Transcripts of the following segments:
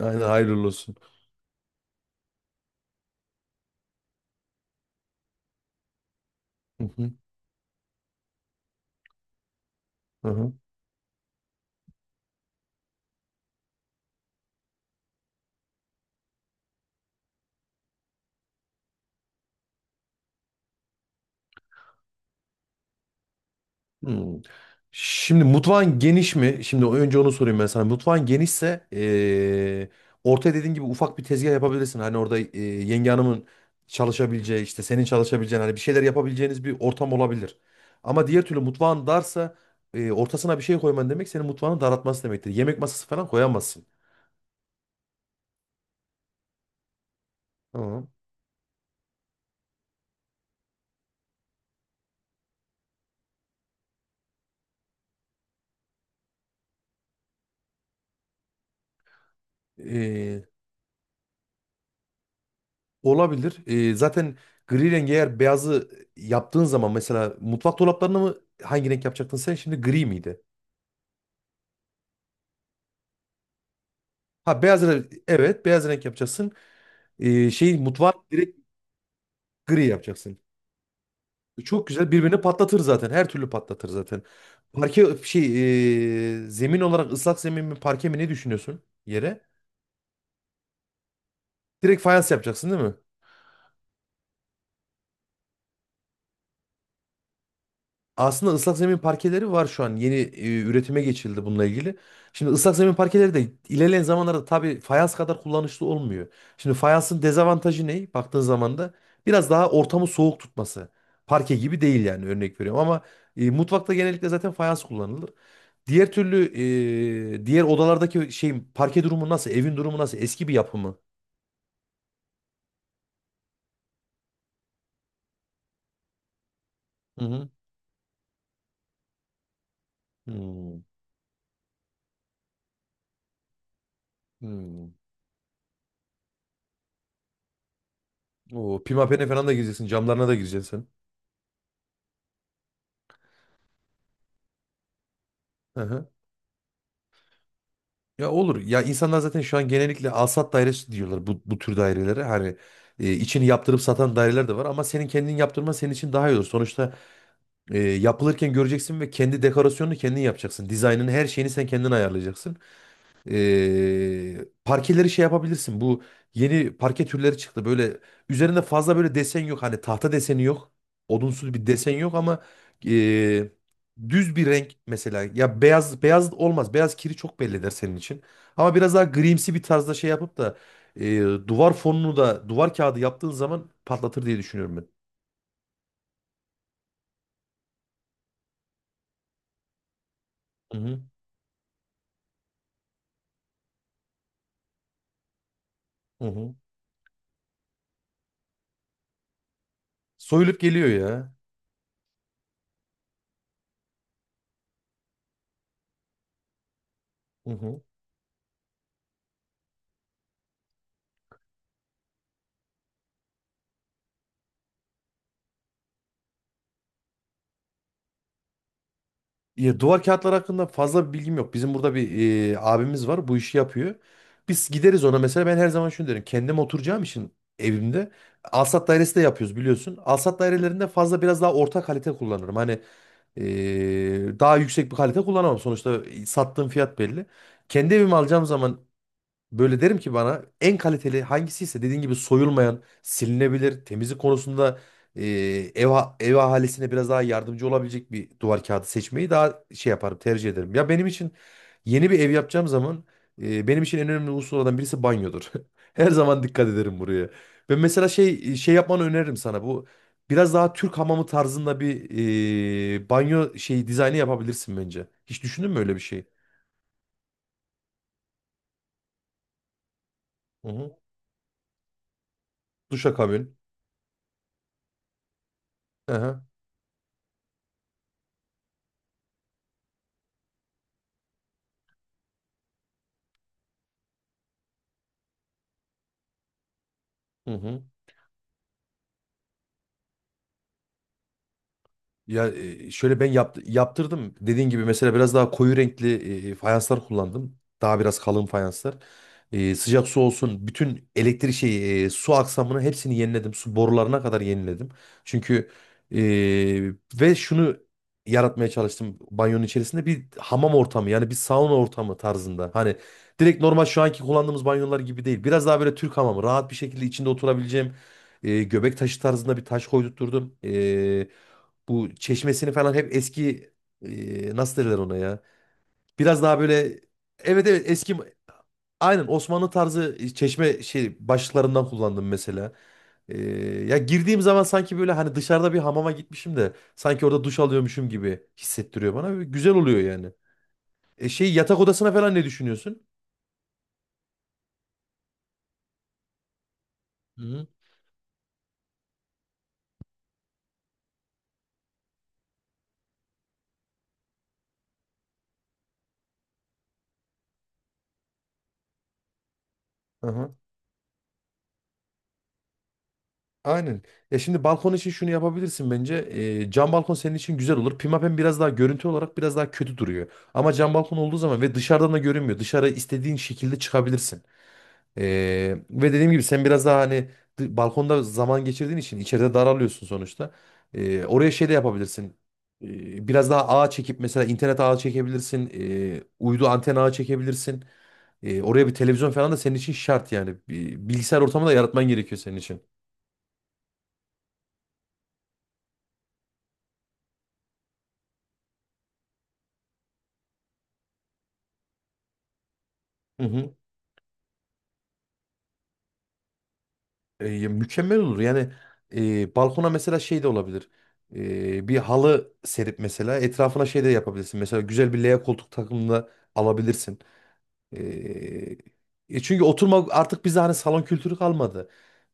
Aynen hayırlı olsun. Hı hı, hı hı. Hmm. Şimdi mutfağın geniş mi? Şimdi önce onu sorayım ben sana. Mutfağın genişse ortaya dediğin gibi ufak bir tezgah yapabilirsin. Hani orada yenge hanımın çalışabileceği işte senin çalışabileceğin hani bir şeyler yapabileceğiniz bir ortam olabilir. Ama diğer türlü mutfağın darsa ortasına bir şey koyman demek senin mutfağını daraltması demektir. Yemek masası falan koyamazsın. Tamam. Olabilir. Zaten gri rengi eğer beyazı yaptığın zaman mesela mutfak dolaplarını mı hangi renk yapacaktın sen? Şimdi gri miydi? Ha beyaz renk, evet, beyaz renk yapacaksın. Şey mutfağı direkt gri yapacaksın. Çok güzel birbirini patlatır zaten. Her türlü patlatır zaten. Parke şey zemin olarak ıslak zemin mi parke mi ne düşünüyorsun yere? Direkt fayans yapacaksın değil mi? Aslında ıslak zemin parkeleri var şu an. Yeni üretime geçildi bununla ilgili. Şimdi ıslak zemin parkeleri de ilerleyen zamanlarda tabii fayans kadar kullanışlı olmuyor. Şimdi fayansın dezavantajı ne? Baktığın zaman da biraz daha ortamı soğuk tutması. Parke gibi değil yani, örnek veriyorum, ama mutfakta genellikle zaten fayans kullanılır. Diğer türlü diğer odalardaki şey parke durumu nasıl? Evin durumu nasıl? Eski bir yapı mı? Hı hı. Hmm. Hmm. Oo, pimapene falan da gireceksin. Camlarına da gireceksin. Sen. Hı hı. Ya olur. Ya insanlar zaten şu an genellikle alsat dairesi diyorlar bu tür dairelere. Hani içini yaptırıp satan daireler de var ama senin kendin yaptırman senin için daha iyi olur. Sonuçta yapılırken göreceksin ve kendi dekorasyonunu kendin yapacaksın. Dizaynını, her şeyini sen kendin ayarlayacaksın. Parkeleri şey yapabilirsin. Bu yeni parke türleri çıktı. Böyle üzerinde fazla böyle desen yok. Hani tahta deseni yok. Odunsu bir desen yok ama ee, düz bir renk mesela. Ya beyaz beyaz olmaz. Beyaz kiri çok belli eder senin için. Ama biraz daha grimsi bir tarzda şey yapıp da ee, duvar fonunu da duvar kağıdı yaptığın zaman patlatır diye düşünüyorum ben. Hı hı. Hı hı. Soyulup geliyor ya. Hı hı. Ya, duvar kağıtları hakkında fazla bir bilgim yok. Bizim burada bir abimiz var. Bu işi yapıyor. Biz gideriz ona mesela. Ben her zaman şunu derim: kendim oturacağım için evimde. Alsat dairesi de yapıyoruz biliyorsun. Alsat dairelerinde fazla biraz daha orta kalite kullanırım. Hani daha yüksek bir kalite kullanamam. Sonuçta sattığım fiyat belli. Kendi evimi alacağım zaman böyle derim ki bana en kaliteli hangisiyse, dediğin gibi soyulmayan, silinebilir, temizlik konusunda e, ev ahalisine biraz daha yardımcı olabilecek bir duvar kağıdı seçmeyi daha şey yaparım, tercih ederim. Ya benim için yeni bir ev yapacağım zaman benim için en önemli unsurlardan birisi banyodur. Her zaman dikkat ederim buraya. Ve mesela şey şey yapmanı öneririm sana. Bu biraz daha Türk hamamı tarzında bir banyo şeyi dizaynı yapabilirsin bence. Hiç düşündün mü öyle bir şey? Hı hı. Duşakabin. Hı hı. Hı hı. Ya şöyle ben yaptırdım. Dediğin gibi mesela biraz daha koyu renkli fayanslar kullandım. Daha biraz kalın fayanslar. E, sıcak su olsun. Bütün elektrik şeyi, su aksamını hepsini yeniledim. Su borularına kadar yeniledim. Çünkü e, ve şunu yaratmaya çalıştım: banyonun içerisinde bir hamam ortamı yani bir sauna ortamı tarzında. Hani direkt normal şu anki kullandığımız banyolar gibi değil. Biraz daha böyle Türk hamamı, rahat bir şekilde içinde oturabileceğim göbek taşı tarzında bir taş koydurtturdum. Bu çeşmesini falan hep eski nasıl derler ona ya? Biraz daha böyle, evet evet, eski, aynen Osmanlı tarzı çeşme şey başlıklarından kullandım mesela. E, ya girdiğim zaman sanki böyle hani dışarıda bir hamama gitmişim de sanki orada duş alıyormuşum gibi hissettiriyor bana. Böyle güzel oluyor yani. E, şey yatak odasına falan ne düşünüyorsun? Hı hı. Aha. Aynen. Ya şimdi balkon için şunu yapabilirsin bence. Cam balkon senin için güzel olur. Pimapen biraz daha görüntü olarak biraz daha kötü duruyor. Ama cam balkon olduğu zaman ve dışarıdan da görünmüyor. Dışarı istediğin şekilde çıkabilirsin. Ve dediğim gibi sen biraz daha hani balkonda zaman geçirdiğin için içeride daralıyorsun sonuçta. Oraya şey de yapabilirsin. Biraz daha ağ çekip mesela internet ağı çekebilirsin. Uydu anten ağı çekebilirsin. Oraya bir televizyon falan da senin için şart yani. Bir bilgisayar ortamı da yaratman gerekiyor senin için. Hı hı. Ya mükemmel olur. Yani balkona mesela şey de olabilir. E, bir halı serip mesela etrafına şey de yapabilirsin. Mesela güzel bir L koltuk takımını da alabilirsin. E, çünkü oturma artık bize hani salon kültürü kalmadı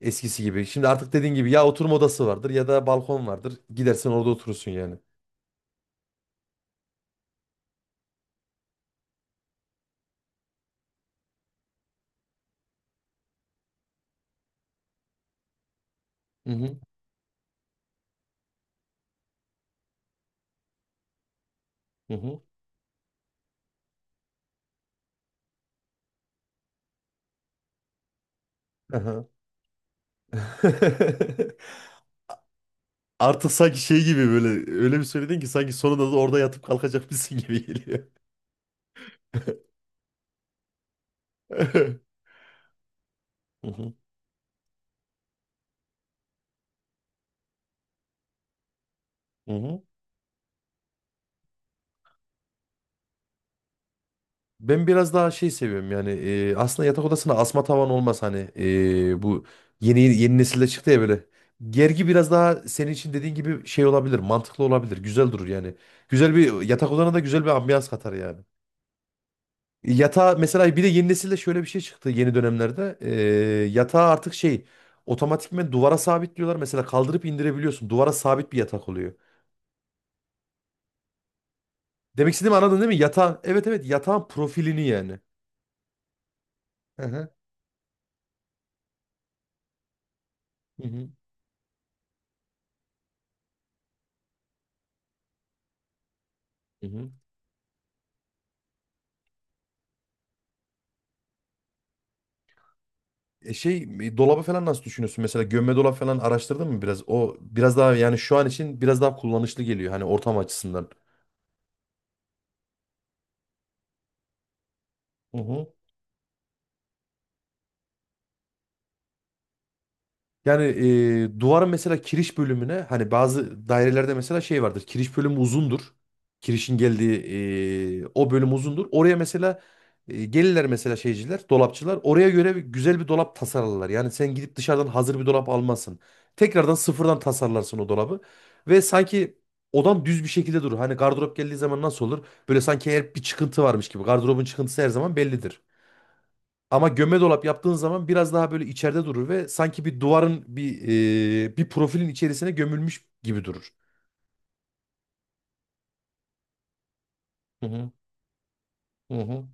eskisi gibi. Şimdi artık dediğin gibi ya oturma odası vardır ya da balkon vardır. Gidersen orada oturursun yani. Hı hı. Hı hı. Aha. Artık sanki şey gibi böyle öyle bir söyledin ki sanki sonunda da orada yatıp kalkacakmışsın gibi geliyor. Hı hı. Hı hı. Ben biraz daha şey seviyorum yani aslında yatak odasına asma tavan olmaz hani bu yeni yeni nesilde çıktı ya böyle. Gergi biraz daha senin için dediğin gibi şey olabilir, mantıklı olabilir, güzel durur yani. Güzel bir yatak odana da güzel bir ambiyans katar yani. Yatağa mesela bir de yeni nesilde şöyle bir şey çıktı yeni dönemlerde. Yatağı artık şey otomatikmen duvara sabitliyorlar. Mesela kaldırıp indirebiliyorsun. Duvara sabit bir yatak oluyor. Demek istediğimi anladın değil mi? Yatağın, evet evet, yatağın profilini yani. Hı hı. Hı hı. Hı hı. Dolabı falan nasıl düşünüyorsun? Mesela gömme dolap falan araştırdın mı biraz? O biraz daha yani şu an için biraz daha kullanışlı geliyor hani ortam açısından. Yani duvarın mesela kiriş bölümüne, hani bazı dairelerde mesela şey vardır, kiriş bölümü uzundur. Kirişin geldiği o bölüm uzundur. Oraya mesela gelirler mesela şeyciler, dolapçılar. Oraya göre güzel bir dolap tasarlarlar. Yani sen gidip dışarıdan hazır bir dolap almazsın. Tekrardan sıfırdan tasarlarsın o dolabı. Ve sanki odan düz bir şekilde durur. Hani gardırop geldiği zaman nasıl olur? Böyle sanki her bir çıkıntı varmış gibi. Gardırobun çıkıntısı her zaman bellidir. Ama gömme dolap yaptığın zaman biraz daha böyle içeride durur ve sanki bir duvarın bir bir profilin içerisine gömülmüş gibi durur. Hı hı. Hı hı.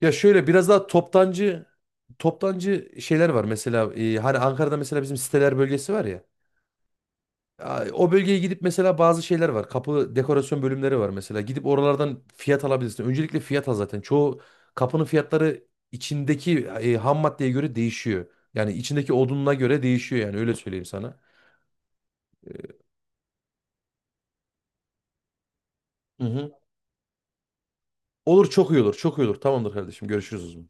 Ya şöyle biraz daha toptancı şeyler var mesela hani Ankara'da mesela bizim siteler bölgesi var ya. O bölgeye gidip mesela bazı şeyler var. Kapı dekorasyon bölümleri var mesela. Gidip oralardan fiyat alabilirsin. Öncelikle fiyat al zaten. Çoğu kapının fiyatları içindeki ham maddeye göre değişiyor. Yani içindeki odununa göre değişiyor yani, öyle söyleyeyim sana. Hı hı. Olur, çok iyi olur. Çok iyi olur. Tamamdır kardeşim. Görüşürüz o zaman.